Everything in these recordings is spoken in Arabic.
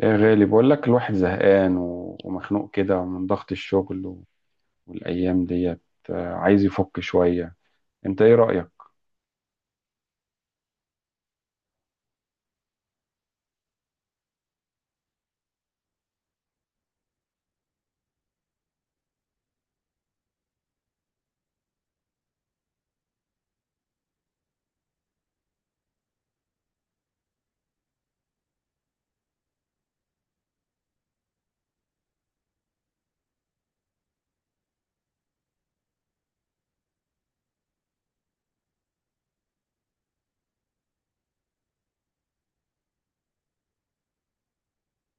يا غالي، بقول لك الواحد زهقان ومخنوق كده من ضغط الشغل والأيام ديت. عايز يفك شوية. انت ايه رأيك؟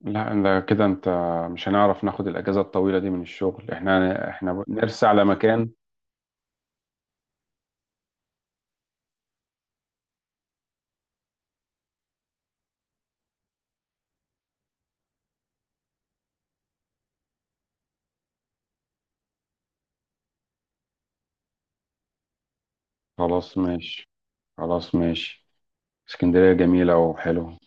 لا ده كده انت مش هنعرف ناخد الأجازة الطويلة دي من الشغل. احنا نرسى على مكان. خلاص، ماشي. خلاص، ماشي. اسكندرية جميلة وحلوة.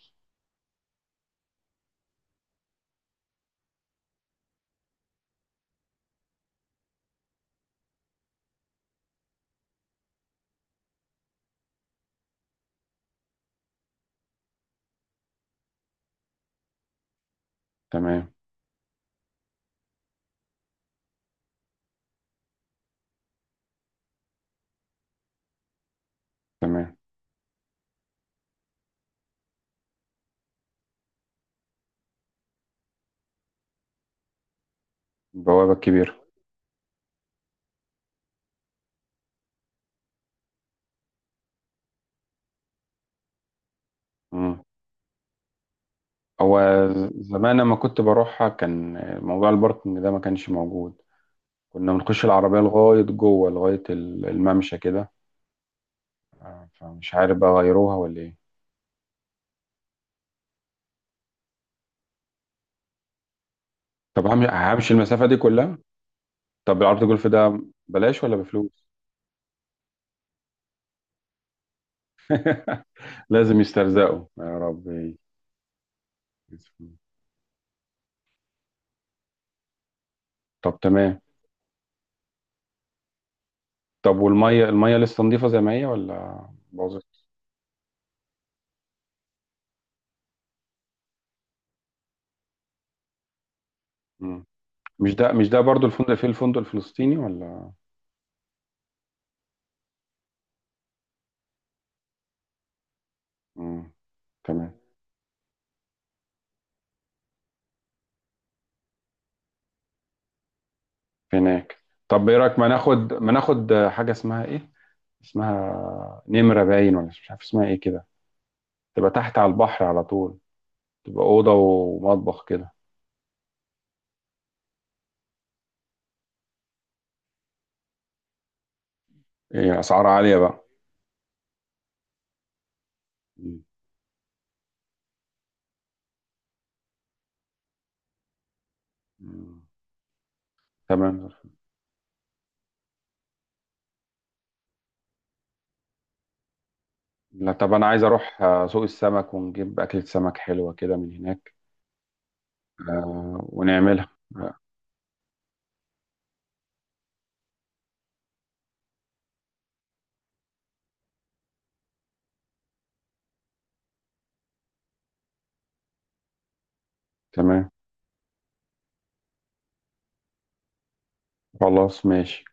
تمام. تمام. البوابة الكبيرة. مم. هو زمان لما كنت بروحها كان موضوع الباركنج ده ما كانش موجود. كنا بنخش العربية لغاية جوه لغاية الممشى كده. فمش عارف بقى غيروها ولا ايه. طب همشي المسافة دي كلها؟ طب العرض الجولف ده بلاش ولا بفلوس؟ لازم يسترزقوا يا ربي. طب تمام. طب، والمية المية لسه نظيفة زي ما هي ولا باظت؟ مم. مش ده برضو في الفندق الفلسطيني ولا؟ مم. تمام. في هناك. طب ايه رأيك، ما ناخد حاجة اسمها ايه، اسمها نمرة باين ولا مش عارف اسمها ايه كده، تبقى تحت على البحر على طول، تبقى أوضة ومطبخ كده؟ ايه، أسعار عالية بقى. مم. آه. تمام. لا، طب انا عايز اروح سوق السمك ونجيب اكلة سمك حلوة كده من هناك. آه، ونعملها. آه، تمام. خلاص ماشي.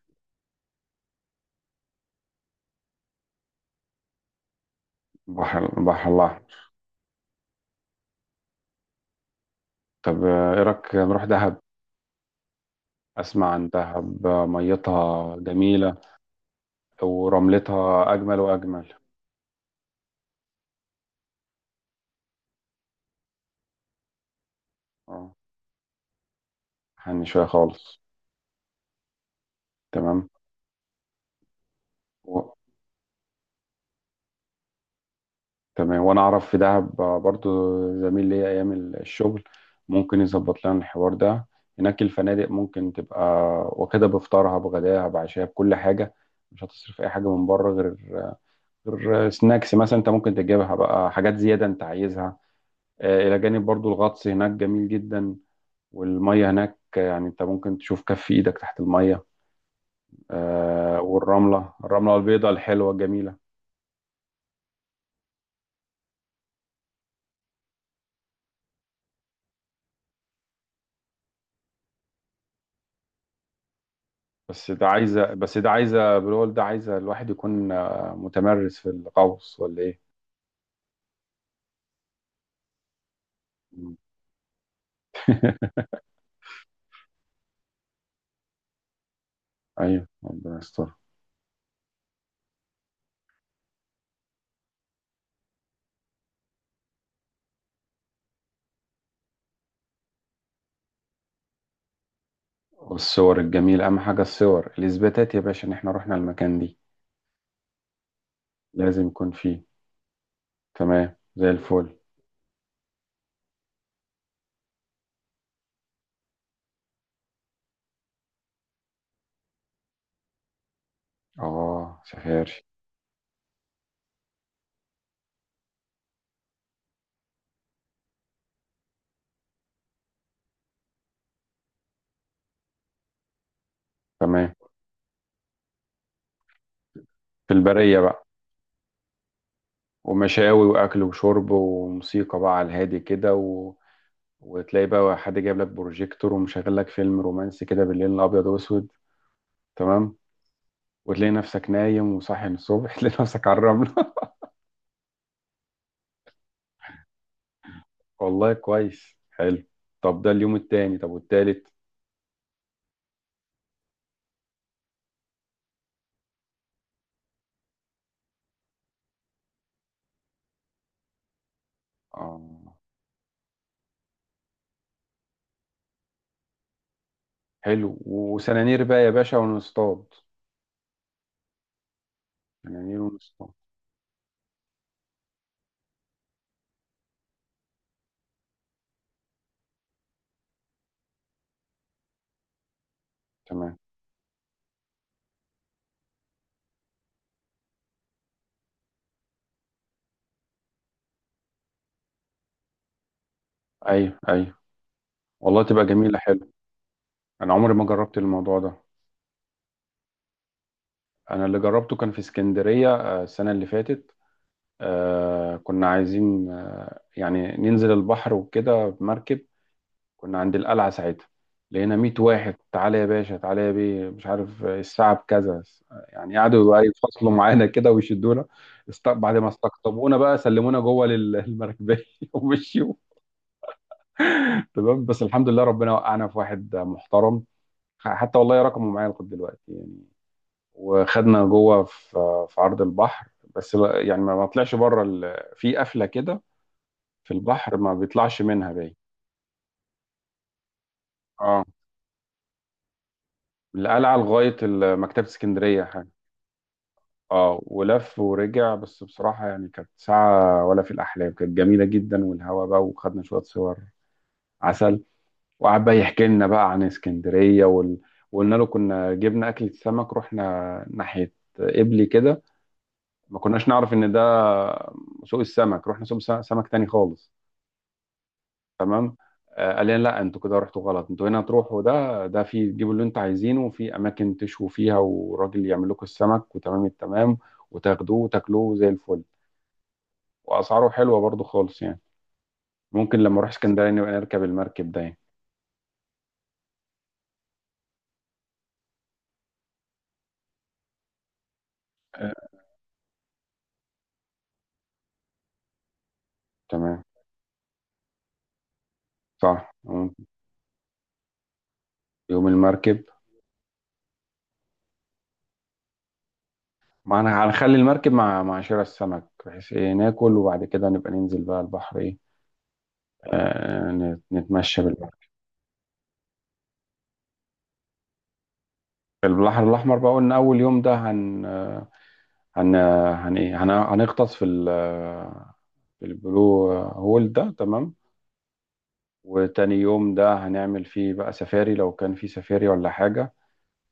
بحر بحر الله. طب ايه رأيك نروح دهب؟ اسمع عن دهب، ميتها جميلة ورملتها اجمل واجمل. اه، حني شوية خالص. تمام. تمام. وانا اعرف في دهب برضو زميل ليا ايام الشغل، ممكن يظبط لنا الحوار ده. هناك الفنادق ممكن تبقى واخدة بفطارها بغداها بعشاها بكل حاجة، مش هتصرف اي حاجة من بره غير سناكس مثلا، انت ممكن تجيبها بقى حاجات زيادة انت عايزها. الى جانب، برضو الغطس هناك جميل جدا، والمية هناك يعني انت ممكن تشوف كف ايدك تحت المية. والرملة الرملة البيضاء الحلوة الجميلة. بس ده عايزة الواحد يكون متمرس في الغوص ولا ايه؟ مم. ايوه، ربنا يستر. والصور الجميلة اهم حاجة، الصور الاثباتات يا باشا ان احنا رحنا المكان دي. لازم يكون فيه. تمام، زي الفل. اه، سفاري. تمام. في البرية بقى. ومشاوي واكل وشرب وموسيقى بقى على الهادي كده وتلاقي بقى حد جايب لك بروجيكتور ومشغل لك فيلم رومانسي كده بالليل الابيض واسود. تمام. وتلاقي نفسك نايم، وصاحي من الصبح. تلاقي نفسك على الرملة. والله كويس، حلو. طب ده اليوم التاني، طب والتالت؟ آه، حلو، وسنانير بقى يا باشا ونصطاد. سنانير ونصطاد. تمام. ايوه، ايوه. والله تبقى جميلة، حلو. انا عمري ما جربت الموضوع ده. انا اللي جربته كان في اسكندرية السنة اللي فاتت. كنا عايزين يعني ننزل البحر وكده بمركب. كنا عند القلعة ساعتها، لقينا 100 واحد تعالى يا باشا تعالى يا بيه، مش عارف الساعة بكذا، يعني قعدوا بقى يفصلوا معانا كده ويشدونا. بعد ما استقطبونا بقى سلمونا جوه المركبية ومشيوا. تمام، بس الحمد لله ربنا وقعنا في واحد محترم، حتى والله رقمه معايا لغاية دلوقتي يعني. وخدنا جوه في عرض البحر. بس يعني ما طلعش بره في قفلة كده في البحر ما بيطلعش منها باين. اه، القلعة لغاية مكتبة اسكندرية. اه، ولف ورجع. بس بصراحة يعني كانت ساعة ولا في الأحلام، كانت جميلة جدا والهوا بقى، وخدنا شوية صور عسل. وقعد بقى يحكي لنا بقى عن اسكندرية وقلنا له كنا جبنا أكلة سمك رحنا ناحية قبلي كده، ما كناش نعرف إن ده سوق السمك. رحنا سوق سمك تاني خالص. تمام. قال لنا لا، انتوا كده رحتوا غلط، انتوا هنا تروحوا، ده في تجيبوا اللي انتوا عايزينه، وفي أماكن تشووا فيها، وراجل يعمل لكم السمك، وتمام التمام، وتاخدوه وتاكلوه زي الفل. واسعاره حلوه برضو خالص يعني. ممكن لما اروح اسكندريه نبقى نركب المركب ده يعني. آه، تمام، صح، ممكن. يوم المركب. ما انا هنخلي المركب مع شراء السمك، بحيث ايه ناكل وبعد كده نبقى ننزل بقى البحر، ايه نتمشى بالبحر. في البحر الاحمر بقى، قلنا اول يوم ده هن آه، هن آه، هن ايه هن هنغطس في ال آه، في البلو هول ده. تمام. وتاني يوم ده هنعمل فيه بقى سفاري لو كان فيه سفاري ولا حاجة،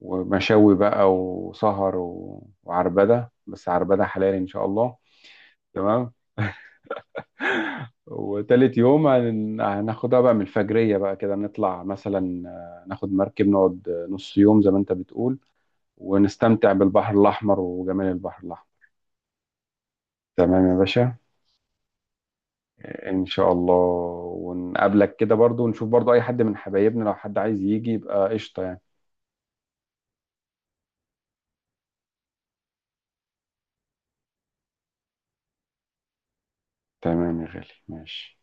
ومشاوي بقى وسهر وعربدة، بس عربدة حلال إن شاء الله. تمام. وتالت يوم هناخدها بقى من الفجرية بقى كده، نطلع مثلا ناخد مركب نقعد نص يوم زي ما أنت بتقول، ونستمتع بالبحر الأحمر وجمال البحر الأحمر. تمام يا باشا. إن شاء الله. ونقابلك كده برضو، ونشوف برضو أي حد من حبايبنا، لو حد عايز يجي يبقى قشطة يعني. تمام يا غالي، ماشي.